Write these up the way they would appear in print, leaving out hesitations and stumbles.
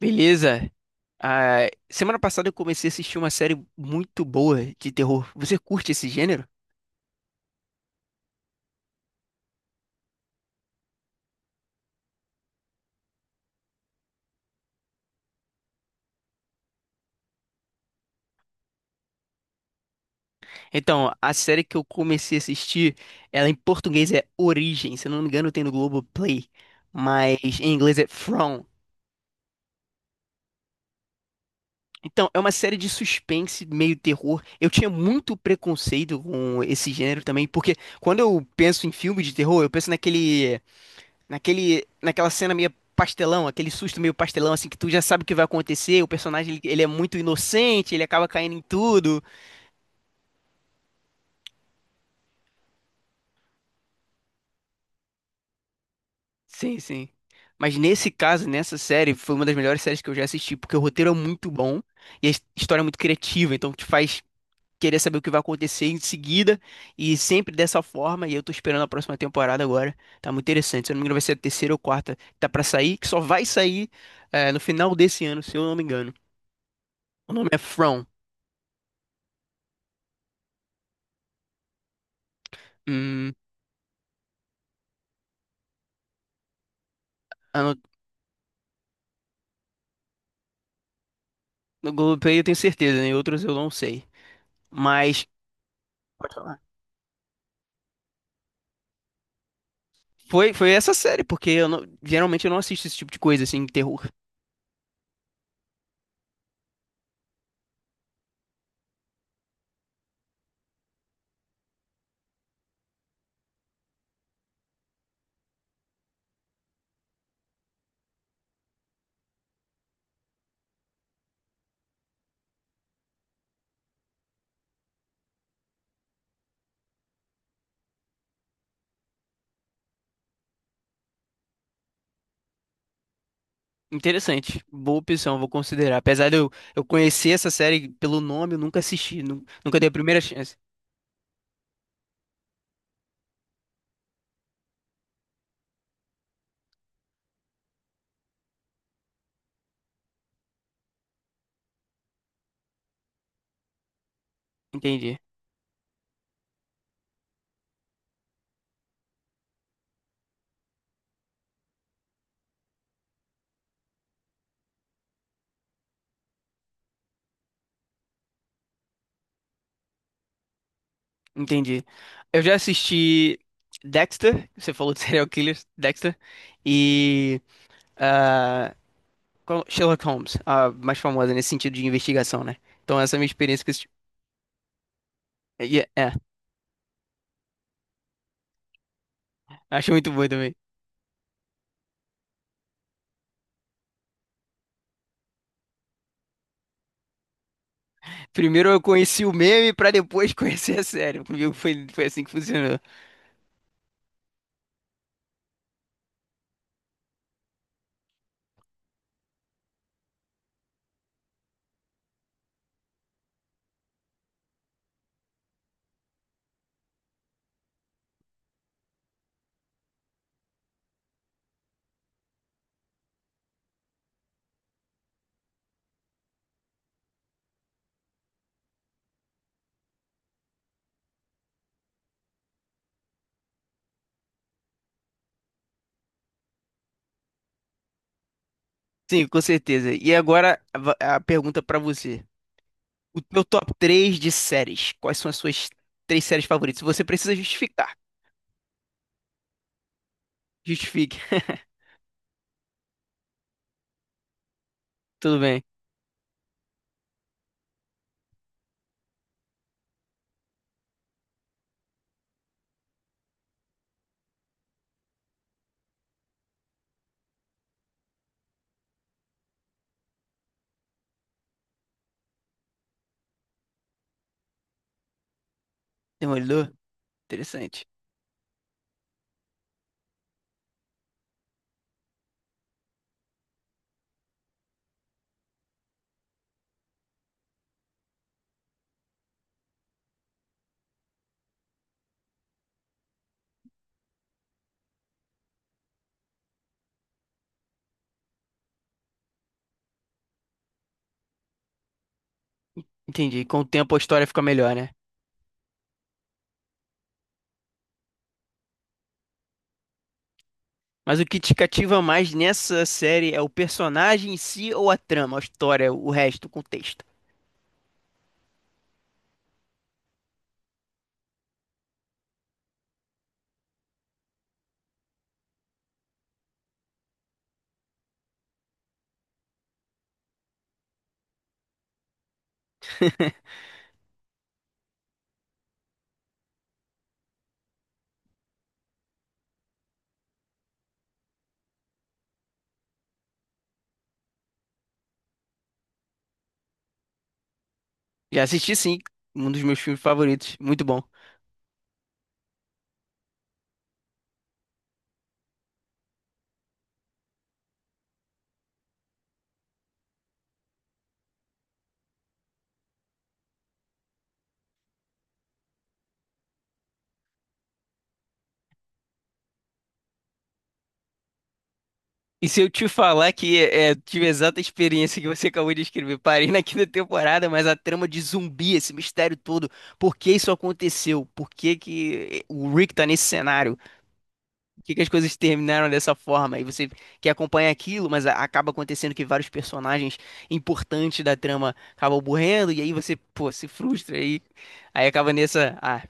Beleza? Ah, semana passada eu comecei a assistir uma série muito boa de terror. Você curte esse gênero? Então, a série que eu comecei a assistir, ela em português é Origem, se eu não me engano tem no Globoplay, mas em inglês é From. Então, é uma série de suspense, meio terror. Eu tinha muito preconceito com esse gênero também, porque quando eu penso em filme de terror, eu penso naquele Naquele, naquela cena meio pastelão, aquele susto meio pastelão, assim, que tu já sabe o que vai acontecer, o personagem, ele é muito inocente, ele acaba caindo em tudo. Sim, sim. Mas nesse caso, nessa série, foi uma das melhores séries que eu já assisti, porque o roteiro é muito bom e a história é muito criativa, então te faz querer saber o que vai acontecer em seguida e sempre dessa forma, e eu tô esperando a próxima temporada agora. Tá muito interessante. Se eu não me engano, vai ser a terceira ou quarta. Tá pra sair, que só vai sair no final desse ano, se eu não me engano. O nome é From. Hum. No Globoplay eu tenho certeza, né? Em outros eu não sei. Mas pode falar. Foi essa série, porque eu não- geralmente eu não assisto esse tipo de coisa, assim, terror. Interessante, boa opção, vou considerar. Apesar de eu conhecer essa série pelo nome, eu nunca assisti, nunca dei a primeira chance. Entendi, entendi. Eu já assisti Dexter, você falou de serial killer, Dexter, e ah, qual- Sherlock Holmes, a mais famosa nesse sentido de investigação, né? Então essa é a minha experiência com esse tipo. É, é, acho muito boa também. Primeiro eu conheci o meme pra depois conhecer a série. Comigo foi, foi assim que funcionou. Sim, com certeza. E agora a, va- a pergunta pra você. O teu top 3 de séries. Quais são as suas três séries favoritas? Você precisa justificar. Justifique. Tudo bem. Demolidor? Interessante. Entendi. Com o tempo a história fica melhor, né? Mas o que te cativa mais nessa série é o personagem em si ou a trama, a história, o resto, o contexto? Já assisti sim. Um dos meus filmes favoritos. Muito bom. E se eu te falar que tive a exata experiência que você acabou de escrever, parei na quinta temporada, mas a trama de zumbi, esse mistério todo, por que isso aconteceu? Por que que o Rick tá nesse cenário? Por que que as coisas terminaram dessa forma? E você que acompanha aquilo, mas acaba acontecendo que vários personagens importantes da trama acabam morrendo, e aí você, pô, se frustra, aí, aí acaba nessa, ah,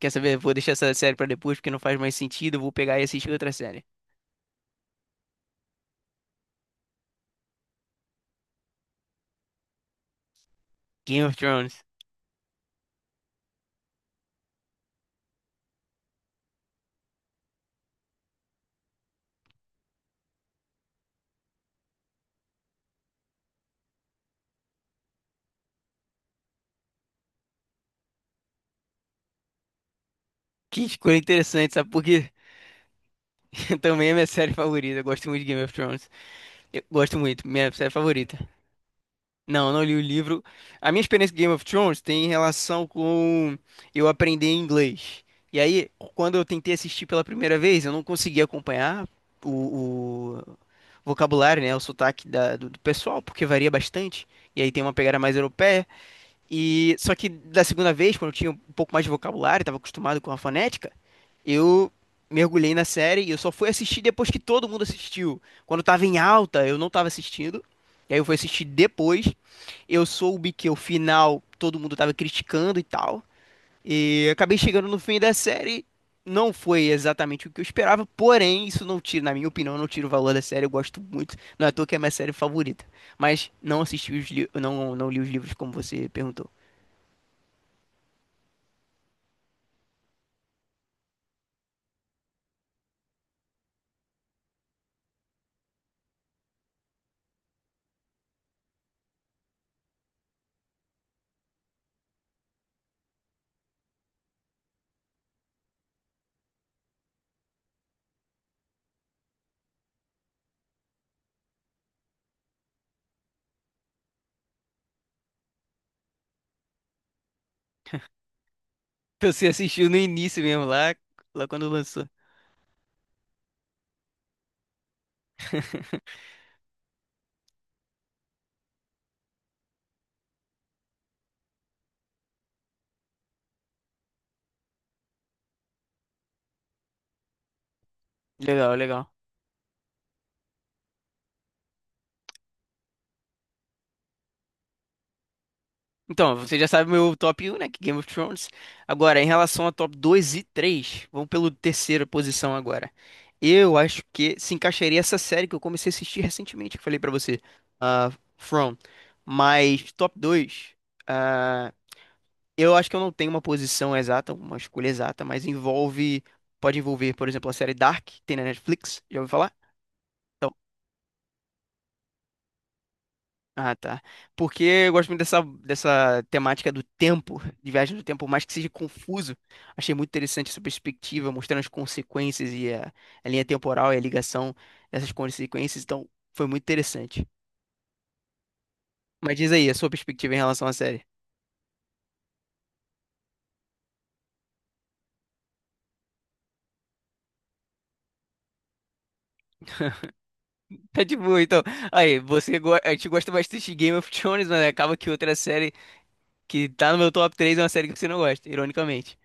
quer saber? Vou deixar essa série pra depois porque não faz mais sentido, eu vou pegar e assistir outra série. Game of Thrones. Que escolha interessante, sabe por quê? Também é minha série favorita. Eu gosto muito de Game of Thrones. Eu gosto muito, minha série favorita. Não, eu não li o livro. A minha experiência com Game of Thrones tem relação com eu aprender inglês. E aí, quando eu tentei assistir pela primeira vez, eu não consegui acompanhar o, o vocabulário, né? O sotaque do, do pessoal, porque varia bastante. E aí tem uma pegada mais europeia. E só que da segunda vez, quando eu tinha um pouco mais de vocabulário, estava acostumado com a fonética, eu mergulhei na série e eu só fui assistir depois que todo mundo assistiu. Quando estava em alta, eu não estava assistindo. E aí eu fui assistir depois. Eu soube que o final todo mundo estava criticando e tal. E acabei chegando no fim da série. Não foi exatamente o que eu esperava, porém, isso não tira, na minha opinião, não tira o valor da série. Eu gosto muito. Não é à toa que é a minha série favorita. Mas não assisti os não, não li os livros como você perguntou. Você assistiu no início mesmo, lá, lá quando lançou. Legal, legal. Então, você já sabe meu top 1, né? Que é Game of Thrones. Agora, em relação a top 2 e 3, vamos pelo terceira posição agora. Eu acho que se encaixaria essa série que eu comecei a assistir recentemente, que eu falei pra você, ah, From. Mas top 2, ah, eu acho que eu não tenho uma posição exata, uma escolha exata, mas envolve, pode envolver, por exemplo, a série Dark, que tem na Netflix, já ouviu falar? Então, ah, tá. Porque eu gosto muito dessa, dessa temática do tempo, de viagem do tempo, por mais que seja confuso. Achei muito interessante essa perspectiva, mostrando as consequências e a linha temporal e a ligação dessas consequências. Então, foi muito interessante. Mas diz aí, a sua perspectiva em relação à série. Tá de boa, então. Aí, você go... a gente gosta bastante de Game of Thrones, mas acaba que outra série que tá no meu top 3 é uma série que você não gosta, ironicamente.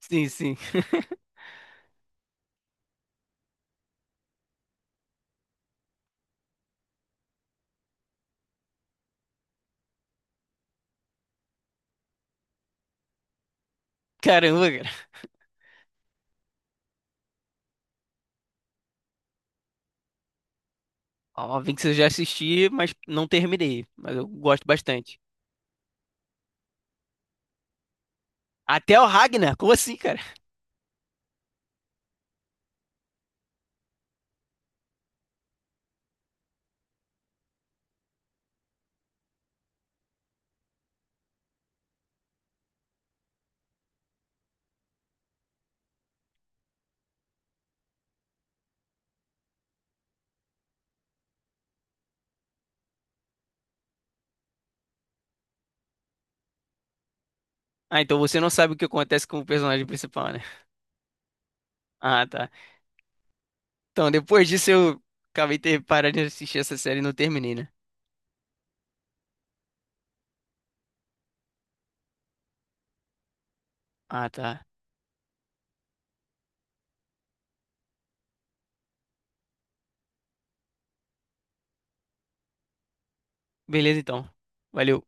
Sim, sim. Caramba. Óbvio que eu já assisti, mas não terminei. Mas eu gosto bastante. Até o Ragnar? Como assim, cara? Ah, então você não sabe o que acontece com o personagem principal, né? Ah, tá. Então depois disso eu acabei ter parado de assistir essa série e não terminei, né? Ah, tá. Beleza, então. Valeu.